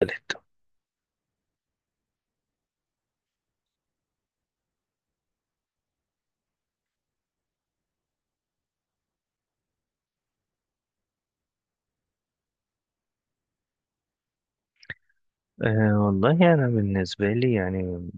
تالت. أه والله أنا بالنسبة لي يعني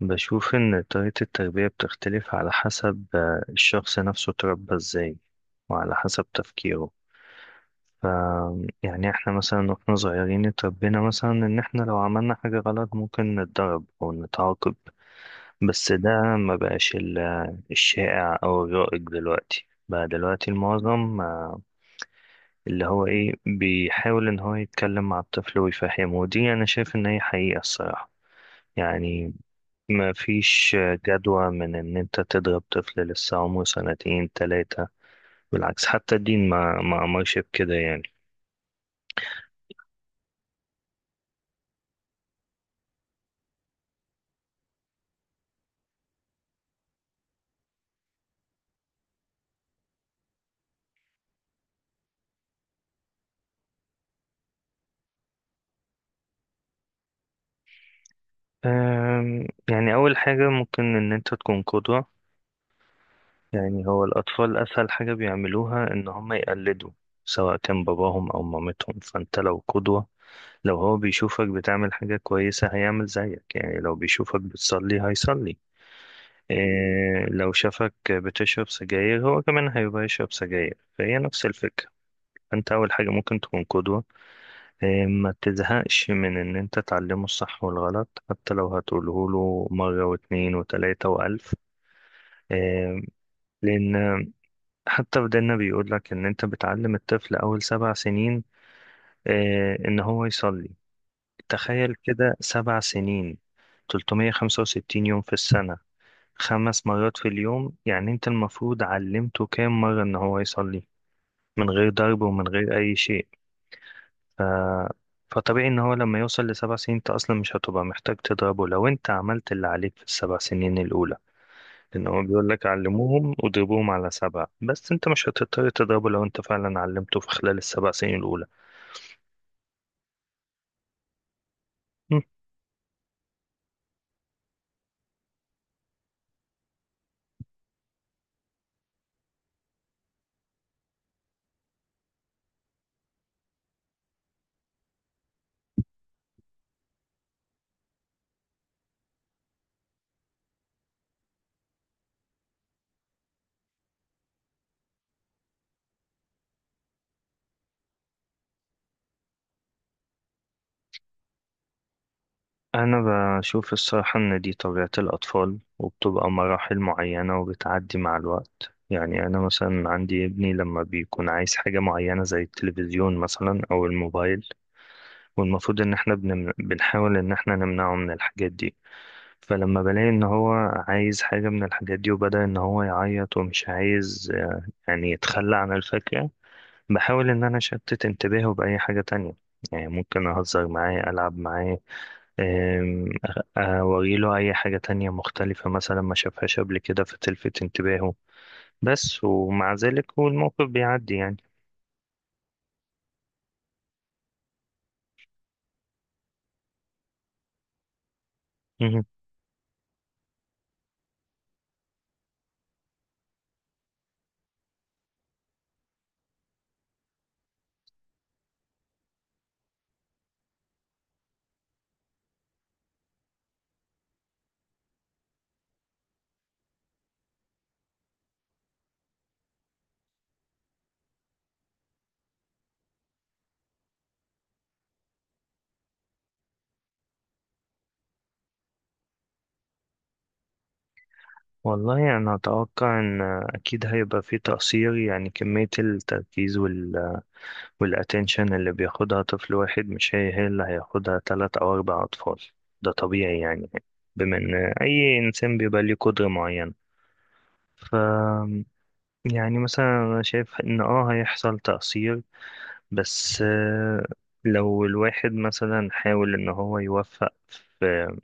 بشوف إن طريقة التربية بتختلف على حسب الشخص نفسه اتربى إزاي وعلى حسب تفكيره، ف يعني إحنا مثلا وإحنا صغيرين اتربينا مثلا إن إحنا لو عملنا حاجة غلط ممكن نتضرب أو نتعاقب. بس ده ما بقاش الشائع أو الرائج دلوقتي، بقى دلوقتي المعظم اللي هو إيه بيحاول إن هو يتكلم مع الطفل ويفهمه، ودي أنا شايف إن هي حقيقة الصراحة يعني. ما فيش جدوى من ان انت تضرب طفل لسه عمره سنتين تلاتة. بالعكس حتى الدين ما امرش بكده يعني. يعني اول حاجة ممكن ان انت تكون قدوة. يعني هو الاطفال اسهل حاجة بيعملوها ان هم يقلدوا سواء كان باباهم او مامتهم، فانت لو قدوة، لو هو بيشوفك بتعمل حاجة كويسة هيعمل زيك. يعني لو بيشوفك بتصلي هيصلي إيه، لو شافك بتشرب سجاير هو كمان هيبقى يشرب سجاير، فهي نفس الفكرة. فأنت أول حاجة ممكن تكون قدوة إيه، ما تزهقش من إن أنت تعلمه الصح والغلط حتى لو هتقوله له مرة واتنين وتلاتة وألف إيه، لأن حتى في ديننا بيقول لك إن أنت بتعلم الطفل أول 7 سنين إيه إن هو يصلي. تخيل كده 7 سنين، 365 يوم في السنة، 5 مرات في اليوم، يعني انت المفروض علمته كام مرة ان هو يصلي من غير ضرب ومن غير اي شيء. ف... فطبيعي ان هو لما يوصل لسبع سنين انت اصلا مش هتبقى محتاج تضربه لو انت عملت اللي عليك في الـ7 سنين الاولى. لان هو بيقول لك علموهم واضربوهم على سبع، بس انت مش هتضطر تضربه لو انت فعلا علمته في خلال الـ7 سنين الاولى. أنا بشوف الصراحة إن دي طبيعة الأطفال وبتبقى مراحل معينة وبتعدي مع الوقت. يعني أنا مثلا عندي ابني لما بيكون عايز حاجة معينة زي التلفزيون مثلا أو الموبايل، والمفروض إن إحنا بنحاول إن إحنا نمنعه من الحاجات دي. فلما بلاقي إن هو عايز حاجة من الحاجات دي وبدأ إن هو يعيط ومش عايز يعني يتخلى عن الفكرة، بحاول إن أنا أشتت انتباهه بأي حاجة تانية. يعني ممكن أهزر معاه ألعب معاه، أوريله أي حاجة تانية مختلفة مثلا ما شافهاش قبل كده فتلفت انتباهه. بس ومع ذلك هو الموقف بيعدي يعني. مهم. والله أنا أتوقع إن أكيد هيبقى فيه تقصير. يعني كمية التركيز وال والأتنشن اللي بياخدها طفل واحد مش هي اللي هياخدها تلات أو أربع أطفال. ده طبيعي يعني. بما إن أي إنسان بيبقى ليه قدرة معينة، ف يعني مثلا أنا شايف إن هيحصل تقصير. بس، لو الواحد مثلا حاول ان هو يوفق في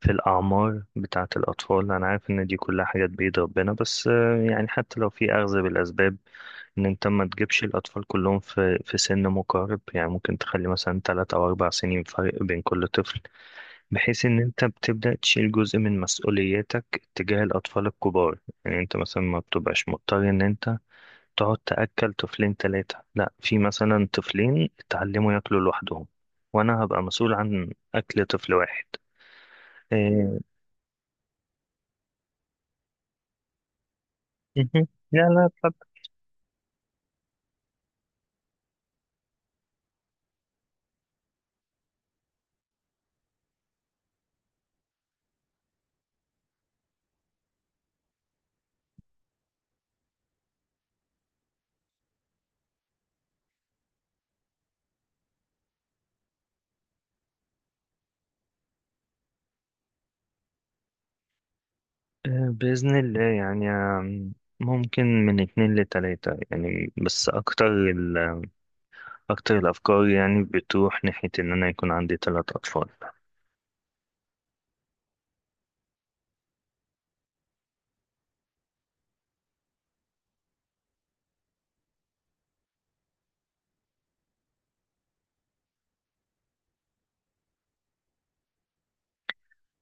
الاعمار بتاعه الاطفال. انا عارف ان دي كلها حاجات بيد ربنا، بس يعني حتى لو في اخذ بالاسباب ان انت ما تجيبش الاطفال كلهم في سن مقارب. يعني ممكن تخلي مثلا 3 او 4 سنين فرق بين كل طفل، بحيث ان انت بتبدا تشيل جزء من مسؤولياتك تجاه الاطفال الكبار. يعني انت مثلا ما بتبقاش مضطر ان انت تقعد تأكل طفلين تلاتة، لا، في مثلا طفلين اتعلموا ياكلوا لوحدهم، وأنا هبقى مسؤول عن أكل طفل واحد إيه. مهم. لا لا طب. بإذن الله يعني، ممكن من اتنين لتلاتة يعني. بس أكتر ال... أكتر الأفكار يعني بتروح ناحية إن أنا يكون عندي تلات أطفال.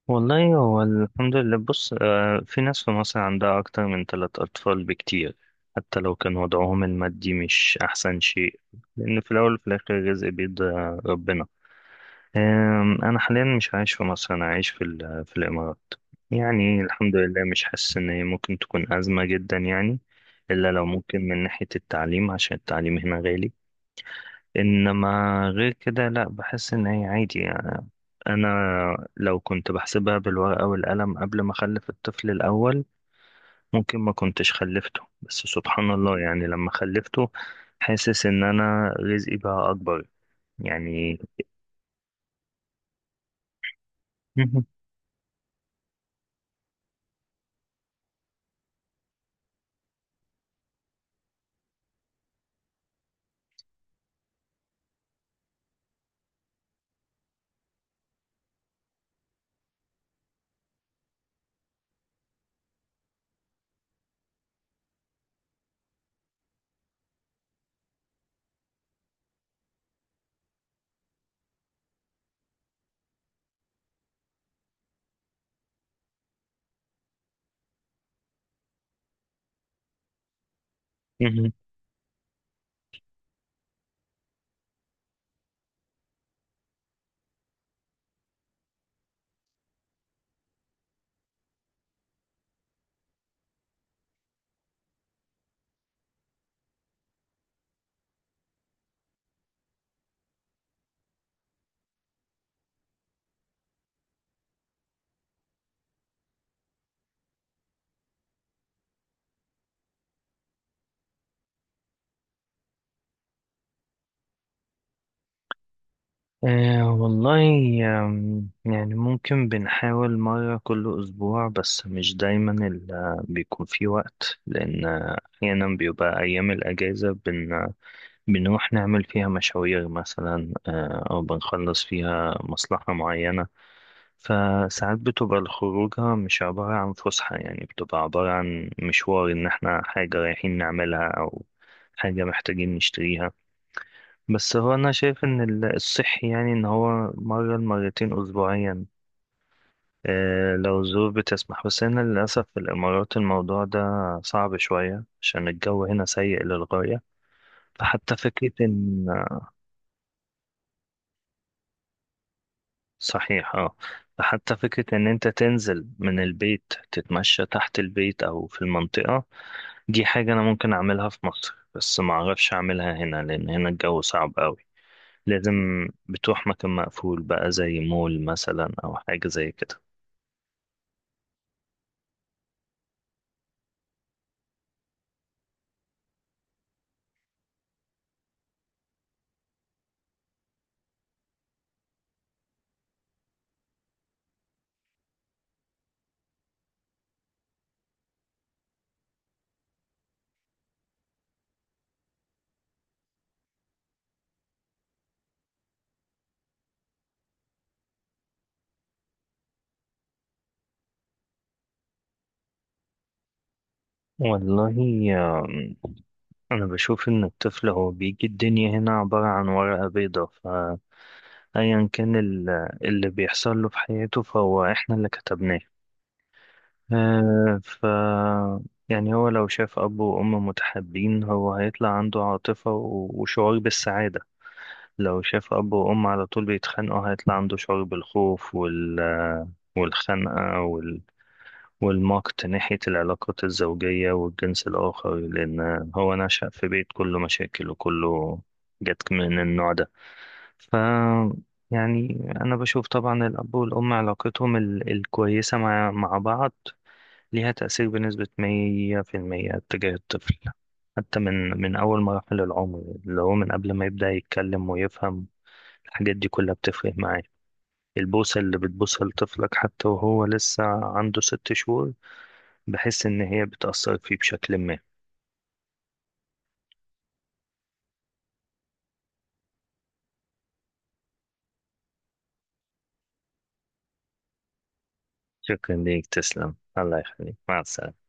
والله هو الحمد لله. بص، في ناس في مصر عندها أكتر من ثلاث أطفال بكتير، حتى لو كان وضعهم المادي مش أحسن شيء، لأن في الأول وفي الآخر الرزق بيد ربنا. أنا حاليا مش عايش في مصر، أنا عايش في في الإمارات. يعني الحمد لله مش حاسس إن هي ممكن تكون أزمة جدا يعني، إلا لو ممكن من ناحية التعليم عشان التعليم هنا غالي. انما غير كده لا، بحس ان هي عادي يعني. انا لو كنت بحسبها بالورقة والقلم قبل ما اخلف الطفل الاول ممكن ما كنتش خلفته. بس سبحان الله يعني لما خلفته حاسس ان انا رزقي بقى اكبر يعني. مهم. مهم. آه والله، يعني ممكن بنحاول مرة كل أسبوع. بس مش دايما بيكون في وقت، لأن أحيانا بيبقى أيام الأجازة بنروح نعمل فيها مشاوير مثلا، أو بنخلص فيها مصلحة معينة. فساعات بتبقى الخروجة مش عبارة عن فسحة، يعني بتبقى عبارة عن مشوار إن إحنا حاجة رايحين نعملها أو حاجة محتاجين نشتريها. بس هو أنا شايف إن الصحي يعني إن هو مرة لمرتين أسبوعيا، لو الظروف بتسمح. بس هنا للأسف في الإمارات الموضوع ده صعب شوية عشان الجو هنا سيء للغاية. فحتى فكرة إن صحيح اه، حتى فكرة ان انت تنزل من البيت تتمشى تحت البيت او في المنطقة، دي حاجة انا ممكن اعملها في مصر بس ما اعرفش اعملها هنا لان هنا الجو صعب قوي. لازم بتروح مكان مقفول بقى زي مول مثلا او حاجة زي كده. والله آم، انا بشوف ان الطفل هو بيجي الدنيا هنا عبارة عن ورقة بيضاء. فايا كان اللي بيحصل له في حياته فهو احنا اللي كتبناه. آه، ف يعني هو لو شاف أب وأم متحابين هو هيطلع عنده عاطفة وشعور بالسعادة. لو شاف أب وأم على طول بيتخانقوا هيطلع عنده شعور بالخوف وال والخنقة وال والمقت ناحية العلاقات الزوجية والجنس الآخر، لأن هو نشأ في بيت كله مشاكل وكله جت من النوع ده. ف يعني أنا بشوف طبعا الأب والأم علاقتهم الكويسة مع بعض ليها تأثير بنسبة 100% اتجاه الطفل، حتى من أول مراحل العمر اللي هو من قبل ما يبدأ يتكلم ويفهم. الحاجات دي كلها بتفرق معاه. البوسة اللي بتبوسها لطفلك حتى وهو لسه عنده 6 شهور بحس إن هي بتأثر فيه بشكل ما. شكرا ليك، تسلم، الله يخليك، مع السلامة.